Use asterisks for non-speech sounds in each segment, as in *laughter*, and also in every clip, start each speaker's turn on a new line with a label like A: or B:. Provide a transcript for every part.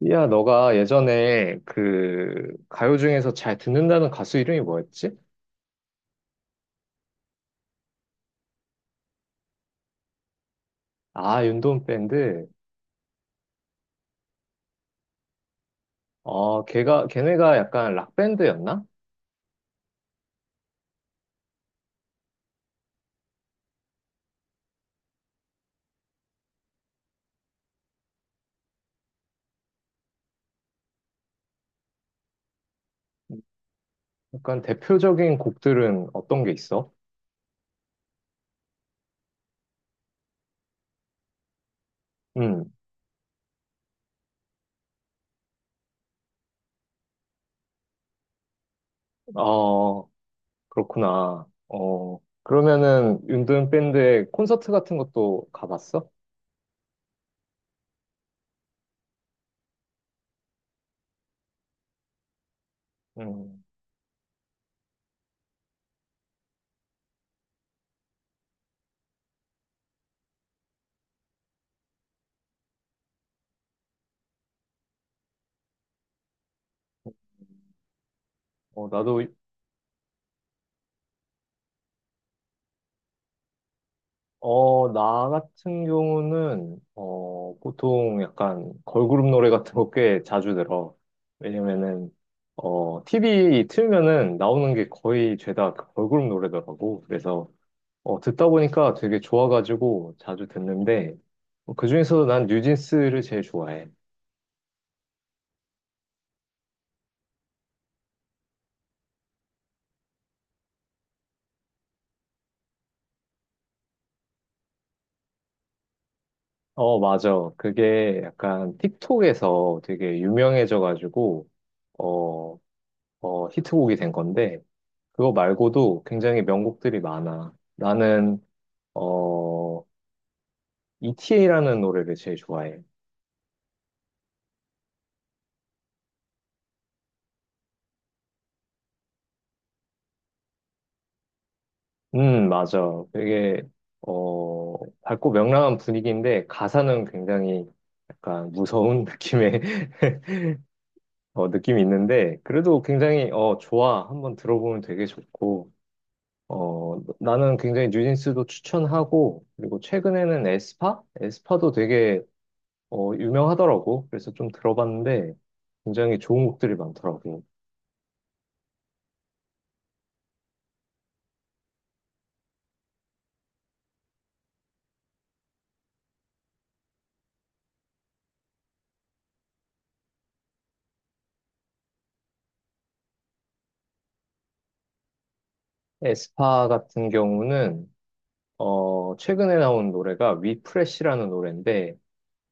A: 삐야, 너가 예전에 그 가요 중에서 잘 듣는다는 가수 이름이 뭐였지? 아, 윤도은 밴드. 걔네가 약간 락밴드였나? 약간 대표적인 곡들은 어떤 게 있어? 음. 어, 그렇구나. 그러면은 윤도은 밴드의 콘서트 같은 것도 가봤어? 음. 나도. 나 같은 경우는, 보통 약간 걸그룹 노래 같은 거 꽤 자주 들어. 왜냐면은, TV 틀면은 나오는 게 거의 죄다 그 걸그룹 노래더라고. 그래서, 듣다 보니까 되게 좋아가지고 자주 듣는데, 그중에서도 난 뉴진스를 제일 좋아해. 어, 맞아. 그게 약간 틱톡에서 되게 유명해져가지고, 어, 히트곡이 된 건데, 그거 말고도 굉장히 명곡들이 많아. 나는, 어, ETA라는 노래를 제일 좋아해. 맞아. 되게 밝고 명랑한 분위기인데, 가사는 굉장히 약간 무서운 *laughs* 느낌의, *laughs* 느낌이 있는데, 그래도 굉장히 좋아. 한번 들어보면 되게 좋고, 나는 굉장히 뉴진스도 추천하고, 그리고 최근에는 에스파? 에스파도 되게 유명하더라고. 그래서 좀 들어봤는데 굉장히 좋은 곡들이 많더라고. 에스파 같은 경우는 최근에 나온 노래가 위프레시라는 노래인데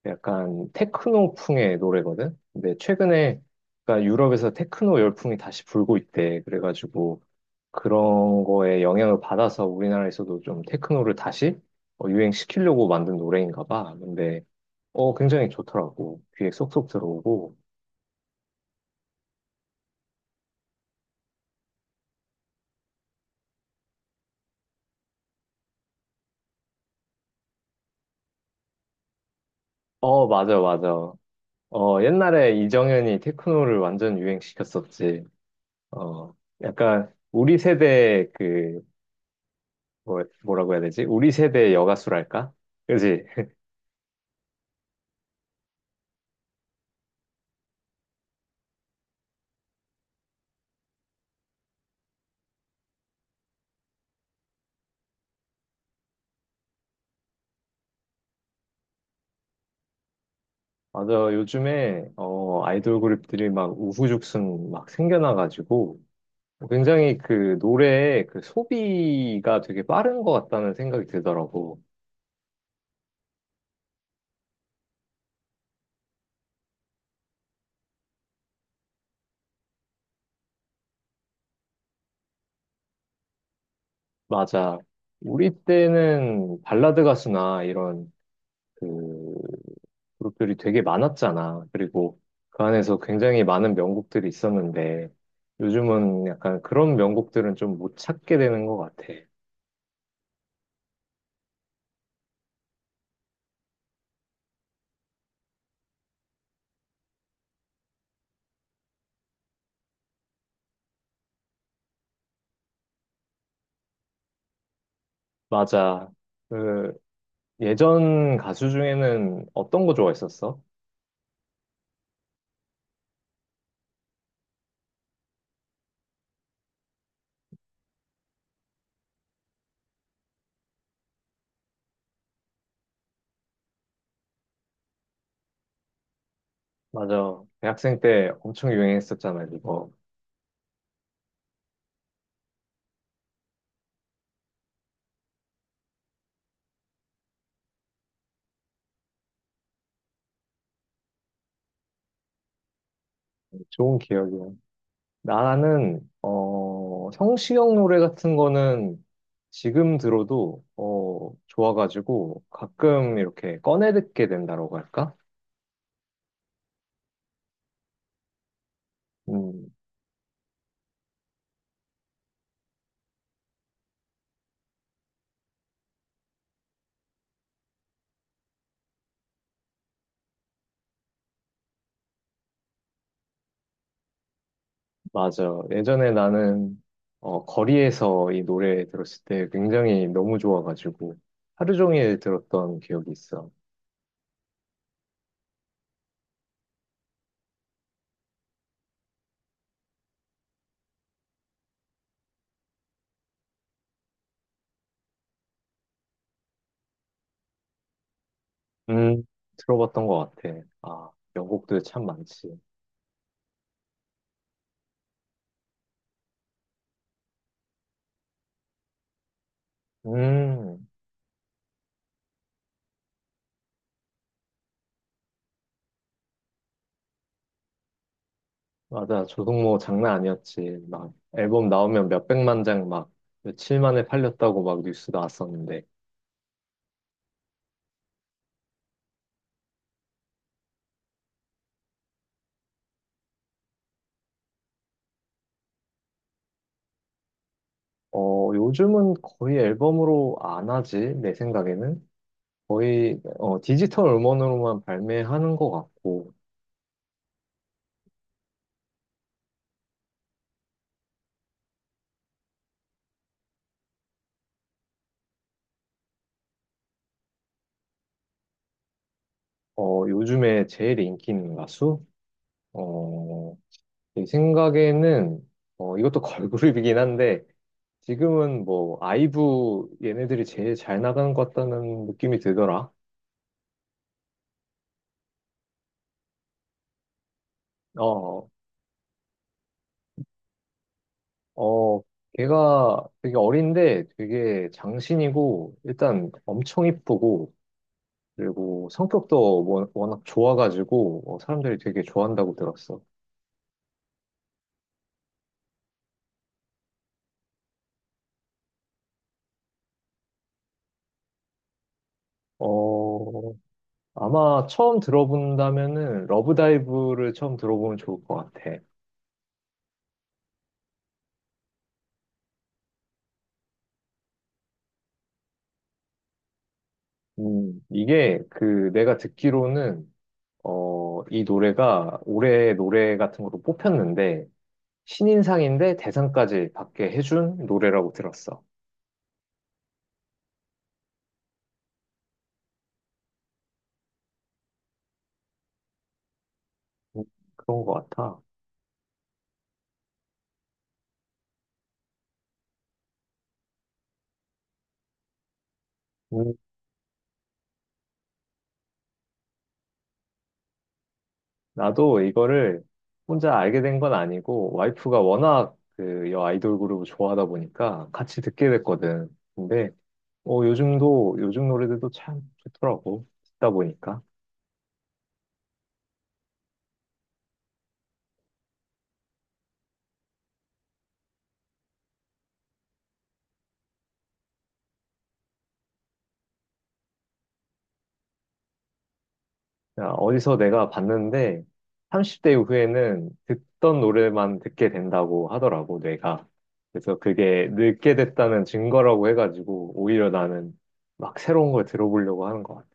A: 약간 테크노풍의 노래거든. 근데 최근에 그러니까 유럽에서 테크노 열풍이 다시 불고 있대. 그래가지고 그런 거에 영향을 받아서 우리나라에서도 좀 테크노를 다시 유행시키려고 만든 노래인가 봐. 근데 굉장히 좋더라고. 귀에 쏙쏙 들어오고. 어, 맞아, 맞아. 옛날에 이정현이 테크노를 완전 유행시켰었지. 어, 약간 우리 세대 그, 뭐, 뭐라고 해야 되지? 우리 세대 여가수랄까? 그지? 맞아. 요즘에, 아이돌 그룹들이 막 우후죽순 막 생겨나가지고 굉장히 그 노래의 그 소비가 되게 빠른 것 같다는 생각이 들더라고. 맞아. 우리 때는 발라드 가수나 이런 그 그룹들이 되게 많았잖아. 그리고 그 안에서 굉장히 많은 명곡들이 있었는데 요즘은 약간 그런 명곡들은 좀 못 찾게 되는 것 같아. 맞아. 그 예전 가수 중에는 어떤 거 좋아했었어? 맞아. 대학생 때 엄청 유행했었잖아, 이거. 좋은 기억이야. 나는 성시경 노래 같은 거는 지금 들어도 좋아가지고 가끔 이렇게 꺼내 듣게 된다고 할까? 음, 맞아. 예전에 나는 거리에서 이 노래 들었을 때 굉장히 너무 좋아가지고 하루 종일 들었던 기억이 있어. 음, 들어봤던 것 같아. 아, 명곡들 참 많지. 음, 맞아. 조성모 장난 아니었지. 막 앨범 나오면 몇백만 장 막 며칠 만에 팔렸다고 막 뉴스 나왔었는데. 어, 요즘은 거의 앨범으로 안 하지, 내 생각에는. 거의 디지털 음원으로만 발매하는 것 같고. 어, 요즘에 제일 인기 있는 가수? 어, 제 생각에는, 이것도 *laughs* 걸그룹이긴 한데, 지금은 뭐, 아이브 얘네들이 제일 잘 나가는 것 같다는 느낌이 들더라. 어, 어, 걔가 되게 어린데 되게 장신이고, 일단 엄청 이쁘고, 그리고 성격도 워낙 좋아가지고, 사람들이 되게 좋아한다고 들었어. 어, 아마 처음 들어본다면은 러브다이브를 처음 들어보면 좋을 것 같아. 이게 그 내가 듣기로는 이 노래가 올해 노래 같은 걸로 뽑혔는데 신인상인데 대상까지 받게 해준 노래라고 들었어. 음, 그런 것 같아. 음, 나도 이거를 혼자 알게 된 건 아니고 와이프가 워낙 그 여 아이돌 그룹을 좋아하다 보니까 같이 듣게 됐거든. 근데 요즘 노래들도 참 좋더라고. 듣다 보니까. 그냥 어디서 내가 봤는데, 30대 이후에는 듣던 노래만 듣게 된다고 하더라고, 뇌가. 그래서 그게 늙게 됐다는 증거라고 해가지고, 오히려 나는 막 새로운 걸 들어보려고 하는 것 같아.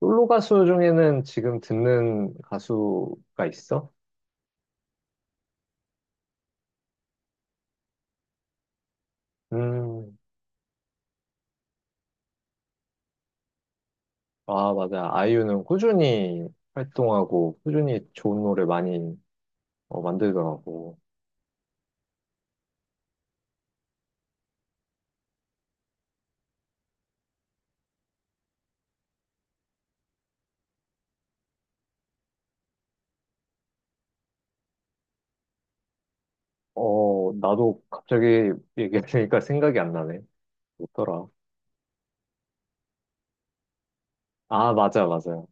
A: 솔로 가수 중에는 지금 듣는 가수가 있어? 음, 아, 맞아. 아이유는 꾸준히 활동하고, 꾸준히 좋은 노래 많이 만들더라고. 나도 갑자기 얘기하니까 생각이 안 나네. 뭐더라? 아, 맞아, 맞아.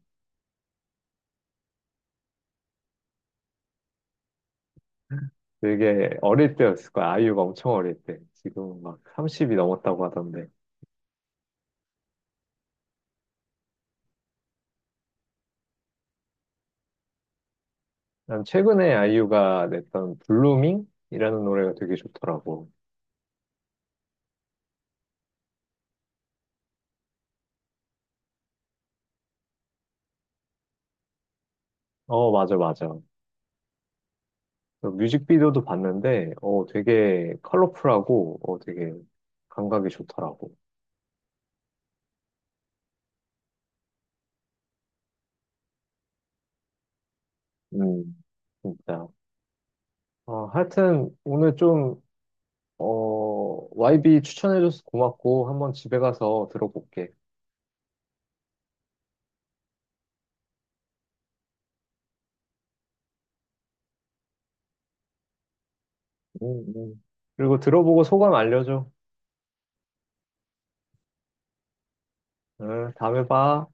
A: 되게 어릴 때였을 거야. 아이유가 엄청 어릴 때. 지금 막 30이 넘었다고 하던데. 난 최근에 아이유가 냈던 블루밍이라는 노래가 되게 좋더라고. 어, 맞아, 맞아. 그 뮤직비디오도 봤는데, 되게 컬러풀하고, 되게 감각이 좋더라고. 음, 진짜. 하여튼 오늘 좀 YB 추천해줘서 고맙고, 한번 집에 가서 들어볼게. 음, 음. 그리고 들어보고 소감 알려줘. 응, 다음에 봐.